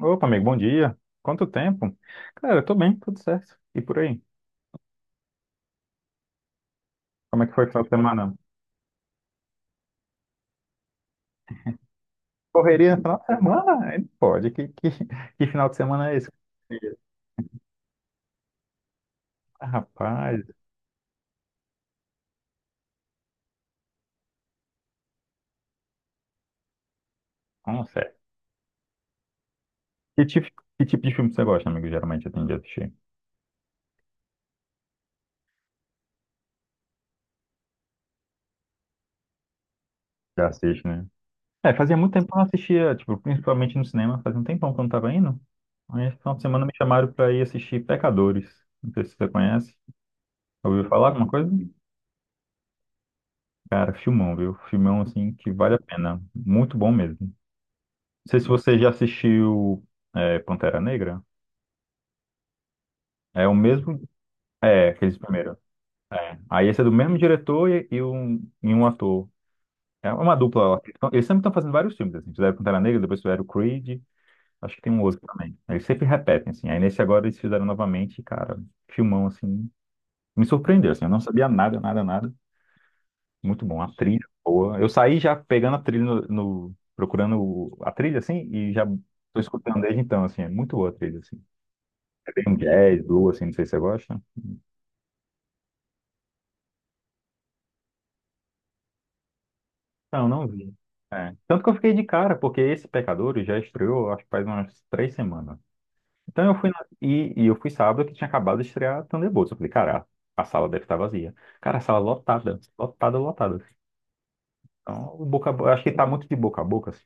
Opa, amigo, bom dia. Quanto tempo? Cara, eu tô bem, tudo certo. E por aí? Como é que foi o final de semana? Correria no final de semana? Aí não pode, que final de semana é esse? Ah, rapaz, nossa. É. Que tipo, que tipo de filme você gosta, amigo? Geralmente eu tenho de assistir. Já assiste, né? É, fazia muito tempo que eu não assistia, tipo, principalmente no cinema, fazia um tempão que eu não tava indo. Aí, esse final de semana me chamaram pra ir assistir Pecadores. Não sei se você conhece. Ouviu falar alguma coisa? Cara, filmão, viu? Filmão, assim, que vale a pena. Muito bom mesmo. Não sei se você já assistiu Pantera Negra. É o mesmo. É, aqueles primeiros. É. Aí esse é do mesmo diretor e um ator. É uma dupla. Então, eles sempre estão fazendo vários filmes, assim. Fizeram Pantera Negra, depois fizeram Creed. Acho que tem um outro também. Eles sempre repetem, assim. Aí nesse agora eles fizeram novamente, e, cara, filmão, assim. Me surpreendeu, assim. Eu não sabia nada, nada, nada. Muito bom. A trilha boa. Eu saí já pegando a trilha no, no- procurando o- a trilha, assim, e já tô escutando desde então, assim. É muito boa a trilha, assim. Tem um jazz, blues, assim, não sei se você gosta. Não, não vi. É. Tanto que eu fiquei de cara, porque esse Pecadores já estreou, acho que faz umas 3 semanas. Então eu fui na- e eu fui sábado que tinha acabado de estrear Thunderbolts. Eu falei, cara, a sala deve estar vazia. Cara, a sala lotada, lotada, lotada. Então, o boca a bo- acho que tá muito de boca a boca, assim.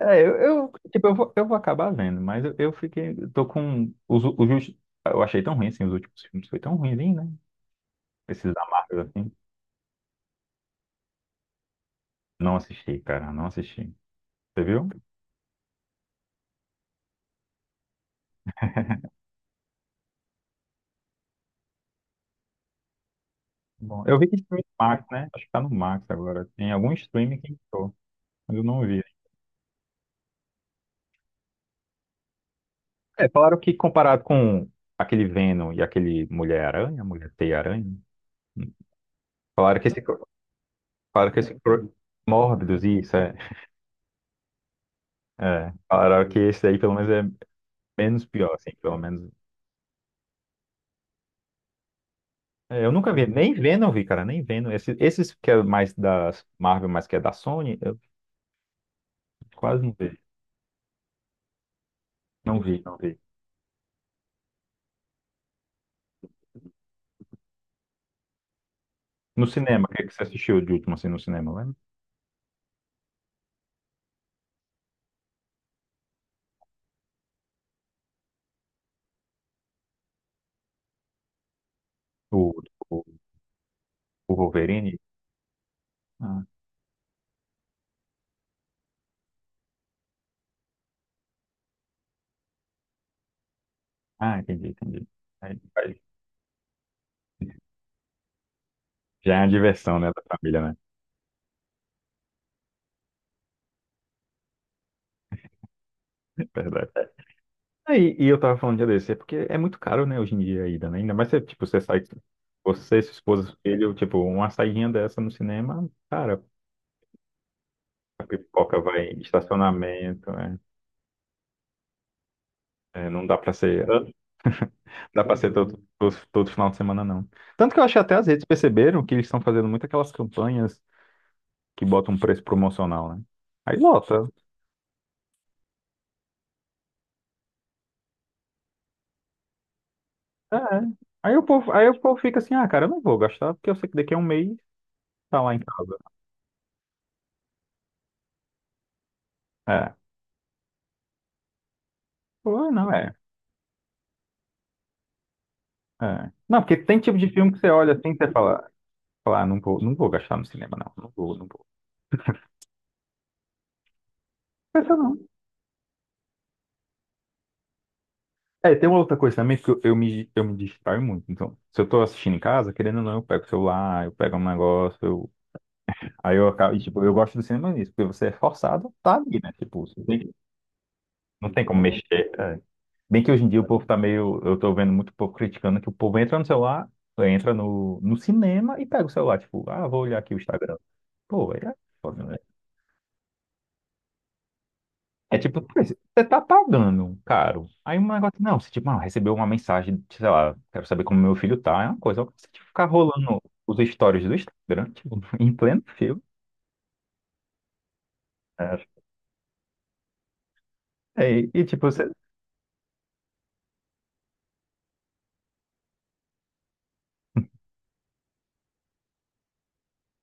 É, eu, tipo, eu vou acabar vendo, mas eu fiquei, eu tô com os, u- os, últimos- eu achei tão ruim assim, os últimos filmes foi tão ruimzinho, né? Esses da Marvel assim. Não assisti, cara, não assisti. Você viu? Bom, eu vi que tinha no Max, né? Acho que tá no Max agora. Tem algum streaming que entrou, mas eu não vi. É, falaram que comparado com aquele Venom e aquele Mulher-Aranha, Mulher-Teia-Aranha, falaram que esse, falaram que esse Mórbidos, isso, é, é. Falaram que esse daí pelo menos é menos pior, assim, pelo menos. É, eu nunca vi, nem Venom eu vi, cara, nem Venom. Esses que é mais da Marvel, mas que é da Sony, eu quase não vi. Não vi, não vi. No cinema, o que é que você assistiu de último, assim, no cinema, lembra? O, o, o Wolverine? Ah. Ah, entendi, entendi. Aí já é a diversão, né, da família, né? Verdade. Aí, e eu tava falando de ADC, porque é muito caro, né, hoje em dia ainda, né? Ainda mais se, tipo, você sai, você, sua esposa, filho, tipo, uma saidinha dessa no cinema, cara, a pipoca vai, estacionamento, né? É, não dá pra ser, dá pra ser todo, todo, todo final de semana, não. Tanto que eu acho que até as redes perceberam que eles estão fazendo muito aquelas campanhas que botam um preço promocional, né? Aí lota. É. É. Aí o povo fica assim, ah, cara, eu não vou gastar, porque eu sei que daqui a um mês tá lá em casa. É. Pô, é, não é. É. Não, porque tem tipo de filme que você olha assim e você fala, ah, não vou, não vou gastar no cinema, não. Não vou, não vou. Pensa não. É, tem uma outra coisa também que eu me distraio muito. Então, se eu tô assistindo em casa, querendo ou não, eu pego o celular, eu pego um negócio, eu, aí eu acabo, e, tipo, eu gosto do cinema nisso, porque você é forçado, tá ali, né? Tipo, não tem como mexer. É. Bem que hoje em dia o povo tá meio. Eu tô vendo muito povo criticando que o povo entra no celular, entra no cinema e pega o celular. Tipo, ah, vou olhar aqui o Instagram. Pô, é foda, né? É tipo, pô, você tá pagando, caro. Aí um negócio, não, você tipo, ah, recebeu uma mensagem, sei lá, quero saber como meu filho tá, é uma coisa. Agora, você tipo, ficar rolando os stories do Instagram, tipo, em pleno filme, né? É, e, tipo, você.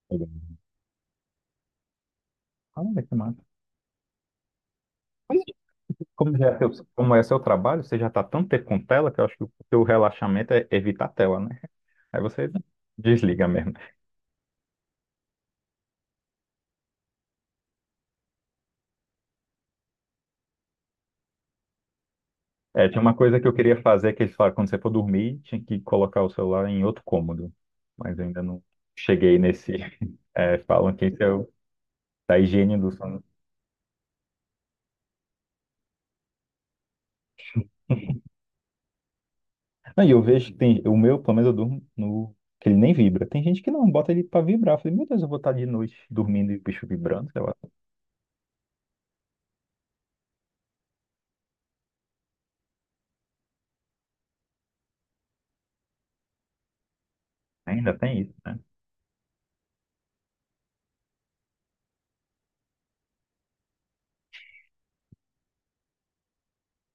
Olha que massa. Mas, como é seu trabalho, você já tá tanto tempo com tela que eu acho que o teu relaxamento é evitar a tela, né? Aí você desliga mesmo. É, tinha uma coisa que eu queria fazer que eles falaram, quando você for dormir, tinha que colocar o celular em outro cômodo. Mas eu ainda não cheguei nesse. É, falam que esse é o da higiene do sono. Não, e eu vejo que tem, o meu, pelo menos eu durmo que ele nem vibra. Tem gente que não, bota ele pra vibrar. Eu falei, meu Deus, eu vou estar de noite dormindo e o bicho vibrando, sei lá. Ainda tem isso, né?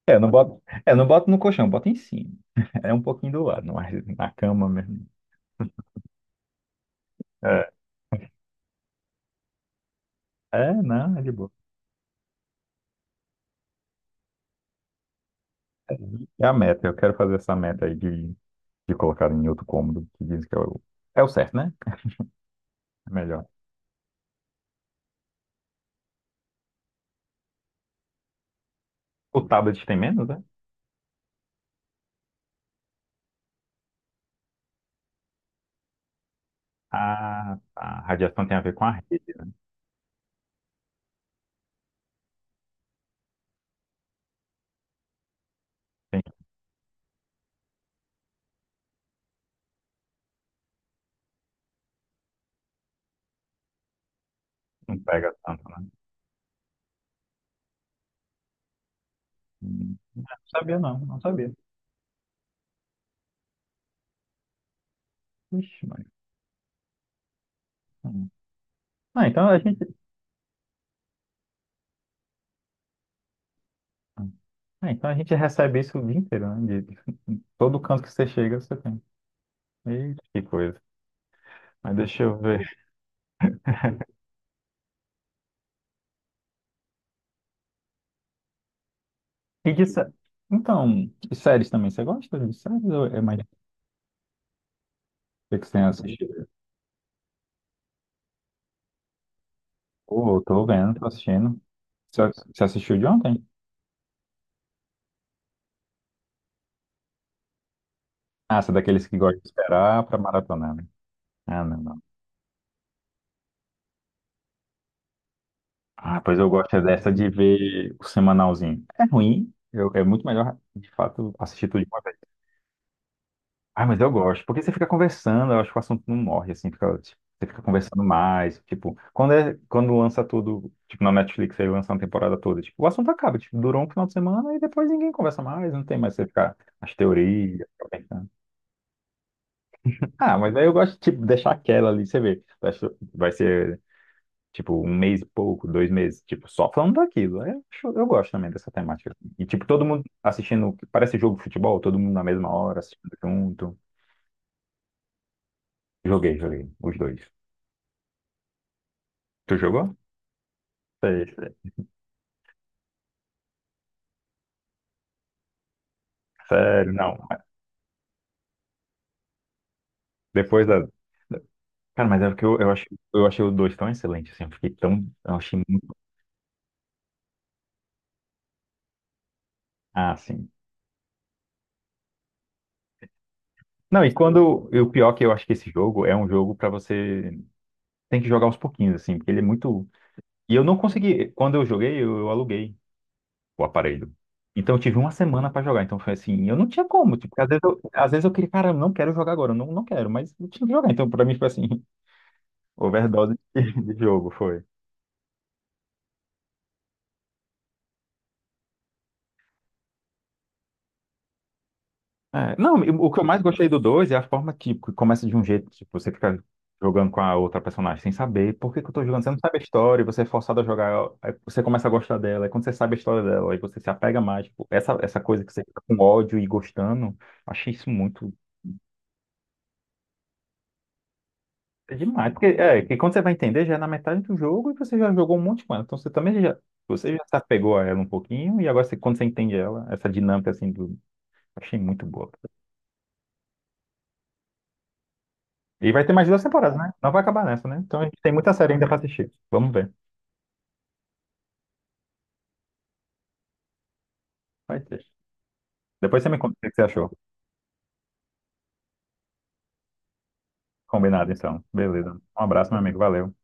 É, eu não boto no colchão, eu boto em cima. É um pouquinho do lado, mas na cama mesmo. É, é não, é de boa. É a meta, eu quero fazer essa meta aí de colocar em outro cômodo, que dizem que é o, certo, né? É melhor. O tablet tem menos, né? A radiação tem a ver com a rede, né? Tem, não pega tanto, né? Hum, não sabia, não, não sabia. Ixi, mas... hum. Ah, então a gente, ah, então a gente recebe isso o dia inteiro, né? Em todo canto que você chega, você tem. Eita, que coisa. Mas deixa eu ver. E de sé- Então, de séries também, você gosta de séries ou é mais que você tem assistido? Pô, eu tô vendo, tô assistindo. Você você assistiu de ontem? Ah, você é daqueles que gosta de esperar pra maratonar, né? Ah, não, não. Ah, pois eu gosto é dessa de ver o semanalzinho. É ruim, é muito melhor, de fato, assistir tudo de uma vez. Ah, mas eu gosto, porque você fica conversando, eu acho que o assunto não morre, assim, fica, tipo, você fica conversando mais, tipo, quando lança tudo, tipo, na Netflix, aí lança uma temporada toda, tipo, o assunto acaba, tipo, durou um final de semana e depois ninguém conversa mais, não tem mais você ficar as teorias, ficar pensando. Ah, mas aí eu gosto tipo, deixar aquela ali, você vê. Vai ser, tipo um mês e pouco, 2 meses, tipo, só falando daquilo. Aí eu gosto também dessa temática. E tipo, todo mundo assistindo, parece jogo de futebol, todo mundo na mesma hora, assistindo junto. Joguei, joguei, os dois. Tu jogou? Sei, sei. Sério, não. Depois da. da- Cara, mas é porque eu, eu achei os dois tão excelentes, assim, eu fiquei tão. Eu achei muito. Ah, sim. Não, e quando. E o pior é que eu acho que esse jogo é um jogo pra você. Tem que jogar aos pouquinhos, assim, porque ele é muito. E eu não consegui. Quando eu joguei, eu aluguei o aparelho. Então eu tive uma semana para jogar. Então foi assim, eu não tinha como. Tipo, porque às vezes eu queria, cara, eu não quero jogar agora, eu não, não quero, mas eu tinha que jogar. Então pra mim foi assim, overdose de jogo, foi. É, não, e o que eu mais gostei do 2 é a forma que, começa de um jeito, tipo, você fica jogando com a outra personagem sem saber por que que eu tô jogando, você não sabe a história, e você é forçado a jogar, aí você começa a gostar dela, e quando você sabe a história dela, aí você se apega mais, tipo, essa coisa que você fica com ódio e gostando, achei isso muito. É demais, porque é, que quando você vai entender, já é na metade do jogo e você já jogou um monte com ela. Então você também já, você já se apegou a ela um pouquinho e agora quando você entende ela, essa dinâmica assim do. Achei muito boa. E vai ter mais 2 temporadas, né? Não vai acabar nessa, né? Então a gente tem muita série ainda pra assistir. Vamos ver. Vai ter. Depois você me conta o que você achou. Combinado, então. Beleza. Um abraço, meu amigo. Valeu.